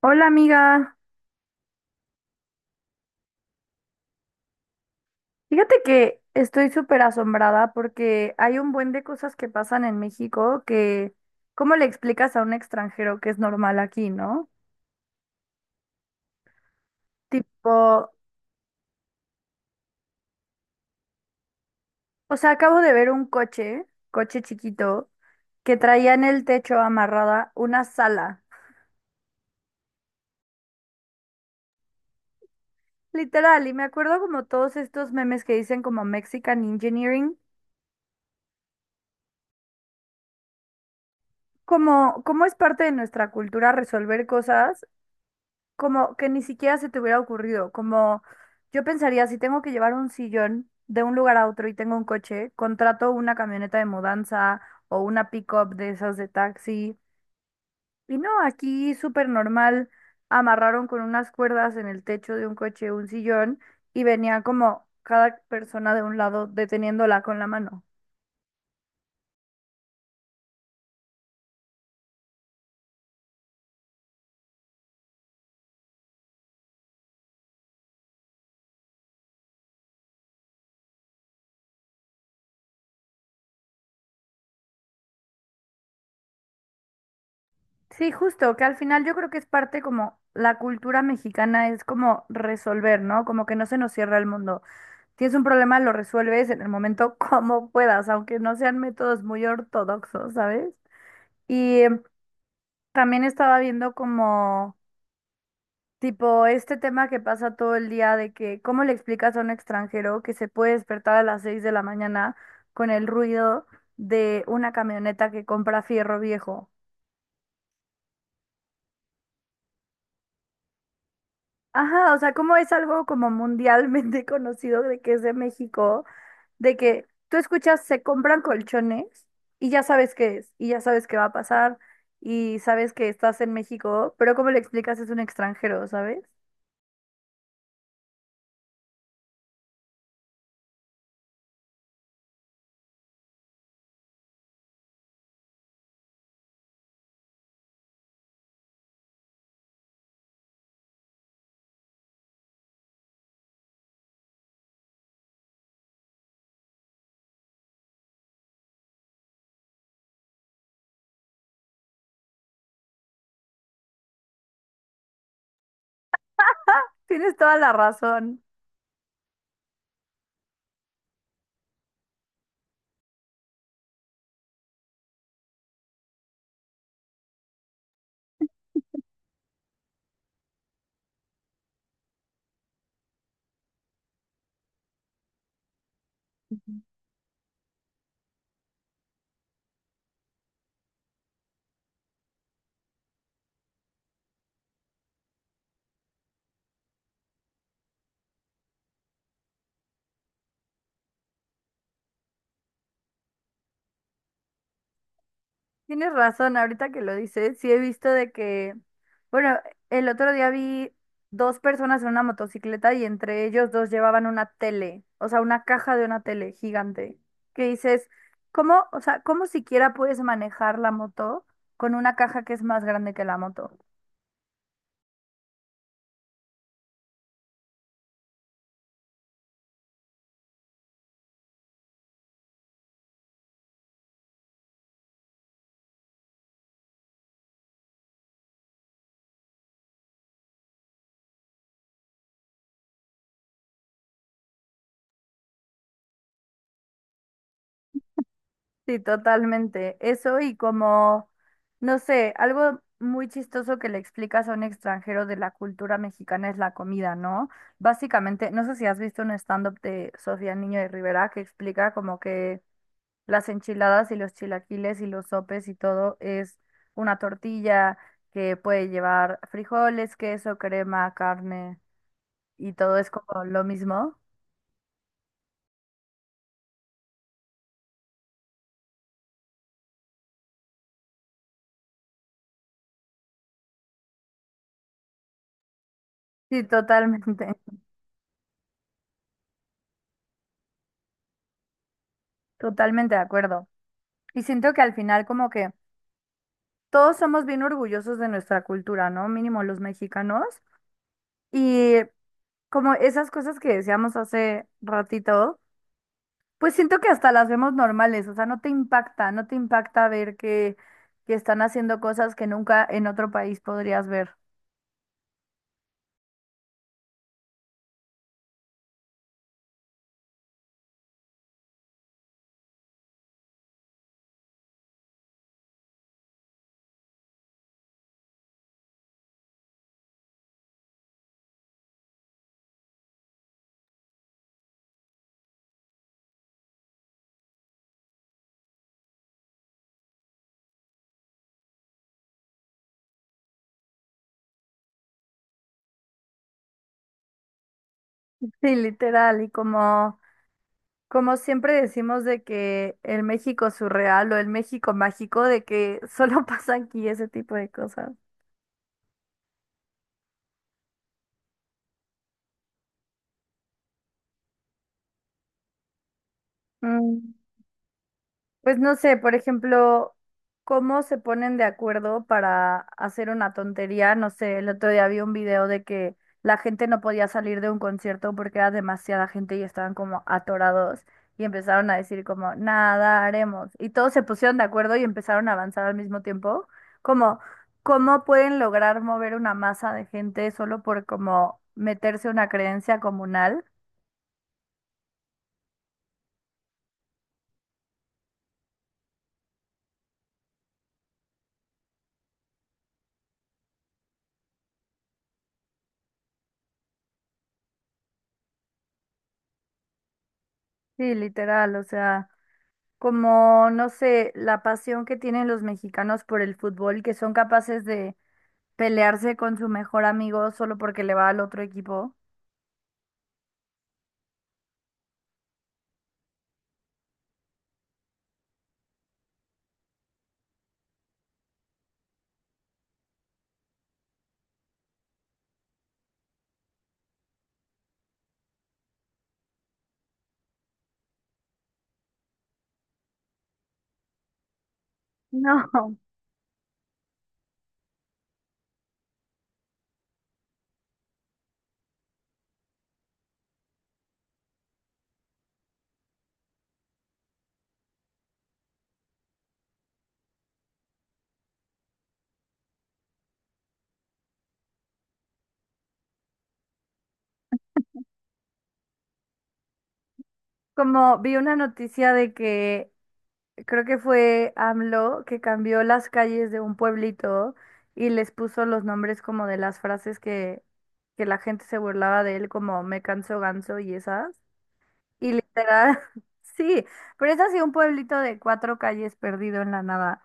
Hola amiga, fíjate que estoy súper asombrada porque hay un buen de cosas que pasan en México que, ¿cómo le explicas a un extranjero que es normal aquí, no? Tipo, o sea, acabo de ver un coche, coche chiquito, que traía en el techo amarrada una sala, literal, y me acuerdo como todos estos memes que dicen como Mexican Engineering, como, como es parte de nuestra cultura resolver cosas como que ni siquiera se te hubiera ocurrido, como yo pensaría, si tengo que llevar un sillón de un lugar a otro y tengo un coche, contrato una camioneta de mudanza o una pick-up de esas de taxi. Y no, aquí súper normal, amarraron con unas cuerdas en el techo de un coche un sillón y venía como cada persona de un lado deteniéndola con la mano. Sí, justo, que al final yo creo que es parte como la cultura mexicana es como resolver, ¿no? Como que no se nos cierra el mundo. Tienes un problema, lo resuelves en el momento como puedas, aunque no sean métodos muy ortodoxos, ¿sabes? Y em, También estaba viendo como, tipo, este tema que pasa todo el día de que, ¿cómo le explicas a un extranjero que se puede despertar a las 6 de la mañana con el ruido de una camioneta que compra fierro viejo? Ajá, o sea, como es algo como mundialmente conocido de que es de México, de que tú escuchas, se compran colchones y ya sabes qué es, y ya sabes qué va a pasar, y sabes que estás en México, pero como le explicas es un extranjero, ¿sabes? Tienes toda la razón. Tienes razón, ahorita que lo dices, sí he visto de que, bueno, el otro día vi dos personas en una motocicleta y entre ellos dos llevaban una tele, o sea, una caja de una tele gigante, que dices, ¿cómo, o sea, cómo siquiera puedes manejar la moto con una caja que es más grande que la moto? Sí, totalmente. Eso y como, no sé, algo muy chistoso que le explicas a un extranjero de la cultura mexicana es la comida, ¿no? Básicamente, no sé si has visto un stand-up de Sofía Niño de Rivera que explica como que las enchiladas y los chilaquiles y los sopes y todo es una tortilla que puede llevar frijoles, queso, crema, carne y todo es como lo mismo. Sí, totalmente, totalmente de acuerdo. Y siento que al final como que todos somos bien orgullosos de nuestra cultura, ¿no? Mínimo los mexicanos. Y como esas cosas que decíamos hace ratito, pues siento que hasta las vemos normales, o sea, no te impacta, no te impacta ver que están haciendo cosas que nunca en otro país podrías ver. Sí, literal, y como, como siempre decimos de que el México surreal o el México mágico, de que solo pasa aquí ese tipo de cosas. Mm. Pues no sé, por ejemplo, cómo se ponen de acuerdo para hacer una tontería. No sé, el otro día vi un video de que la gente no podía salir de un concierto porque era demasiada gente y estaban como atorados y empezaron a decir como, nada, haremos. Y todos se pusieron de acuerdo y empezaron a avanzar al mismo tiempo. Como, ¿cómo pueden lograr mover una masa de gente solo por como meterse una creencia comunal? Sí, literal, o sea. Como, no sé, la pasión que tienen los mexicanos por el fútbol, que son capaces de pelearse con su mejor amigo solo porque le va al otro equipo. No, como vi una noticia de que creo que fue AMLO que cambió las calles de un pueblito y les puso los nombres como de las frases que la gente se burlaba de él, como me canso ganso y esas. Y literal, sí, pero es así un pueblito de cuatro calles perdido en la nada.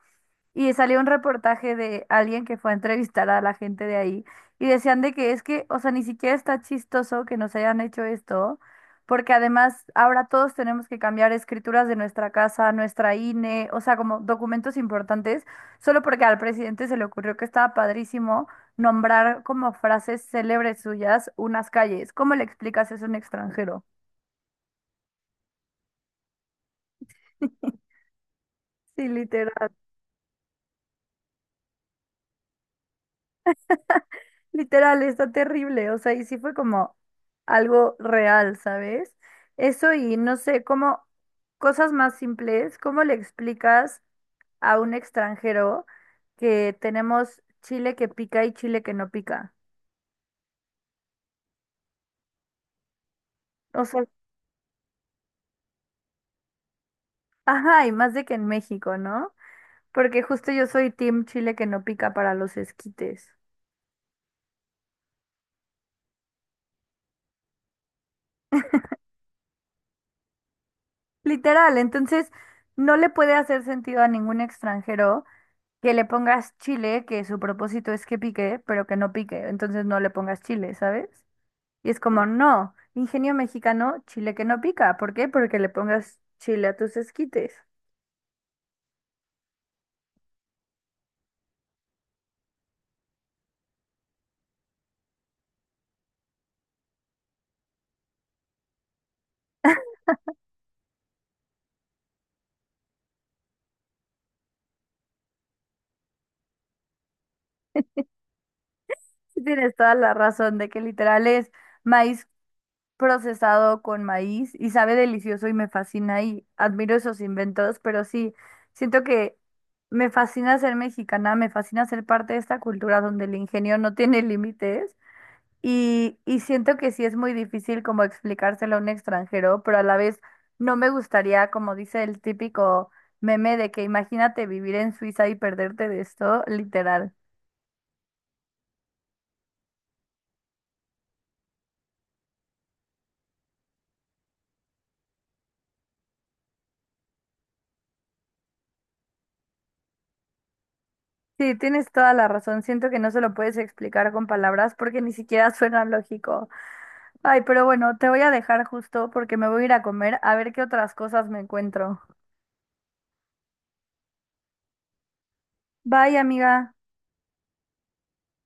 Y salió un reportaje de alguien que fue a entrevistar a la gente de ahí y decían de que es que, o sea, ni siquiera está chistoso que nos hayan hecho esto, porque además ahora todos tenemos que cambiar escrituras de nuestra casa, nuestra INE, o sea, como documentos importantes, solo porque al presidente se le ocurrió que estaba padrísimo nombrar como frases célebres suyas unas calles. ¿Cómo le explicas eso a un extranjero? Sí, literal. Literal, está terrible, o sea, y sí fue como algo real, ¿sabes? Eso y no sé, como cosas más simples, ¿cómo le explicas a un extranjero que tenemos chile que pica y chile que no pica? O sea, ajá, y más de que en México, ¿no? Porque justo yo soy team chile que no pica para los esquites. Literal, entonces no le puede hacer sentido a ningún extranjero que le pongas chile, que su propósito es que pique, pero que no pique, entonces no le pongas chile, ¿sabes? Y es como, no, ingenio mexicano, chile que no pica, ¿por qué? Porque le pongas chile a tus esquites. Y tienes toda la razón de que literal es maíz procesado con maíz y sabe delicioso y me fascina y admiro esos inventos, pero sí, siento que me fascina ser mexicana, me fascina ser parte de esta cultura donde el ingenio no tiene límites. Y siento que sí es muy difícil como explicárselo a un extranjero, pero a la vez no me gustaría, como dice el típico meme de que imagínate vivir en Suiza y perderte de esto, literal. Sí, tienes toda la razón. Siento que no se lo puedes explicar con palabras porque ni siquiera suena lógico. Ay, pero bueno, te voy a dejar justo porque me voy a ir a comer a ver qué otras cosas me encuentro. Bye, amiga.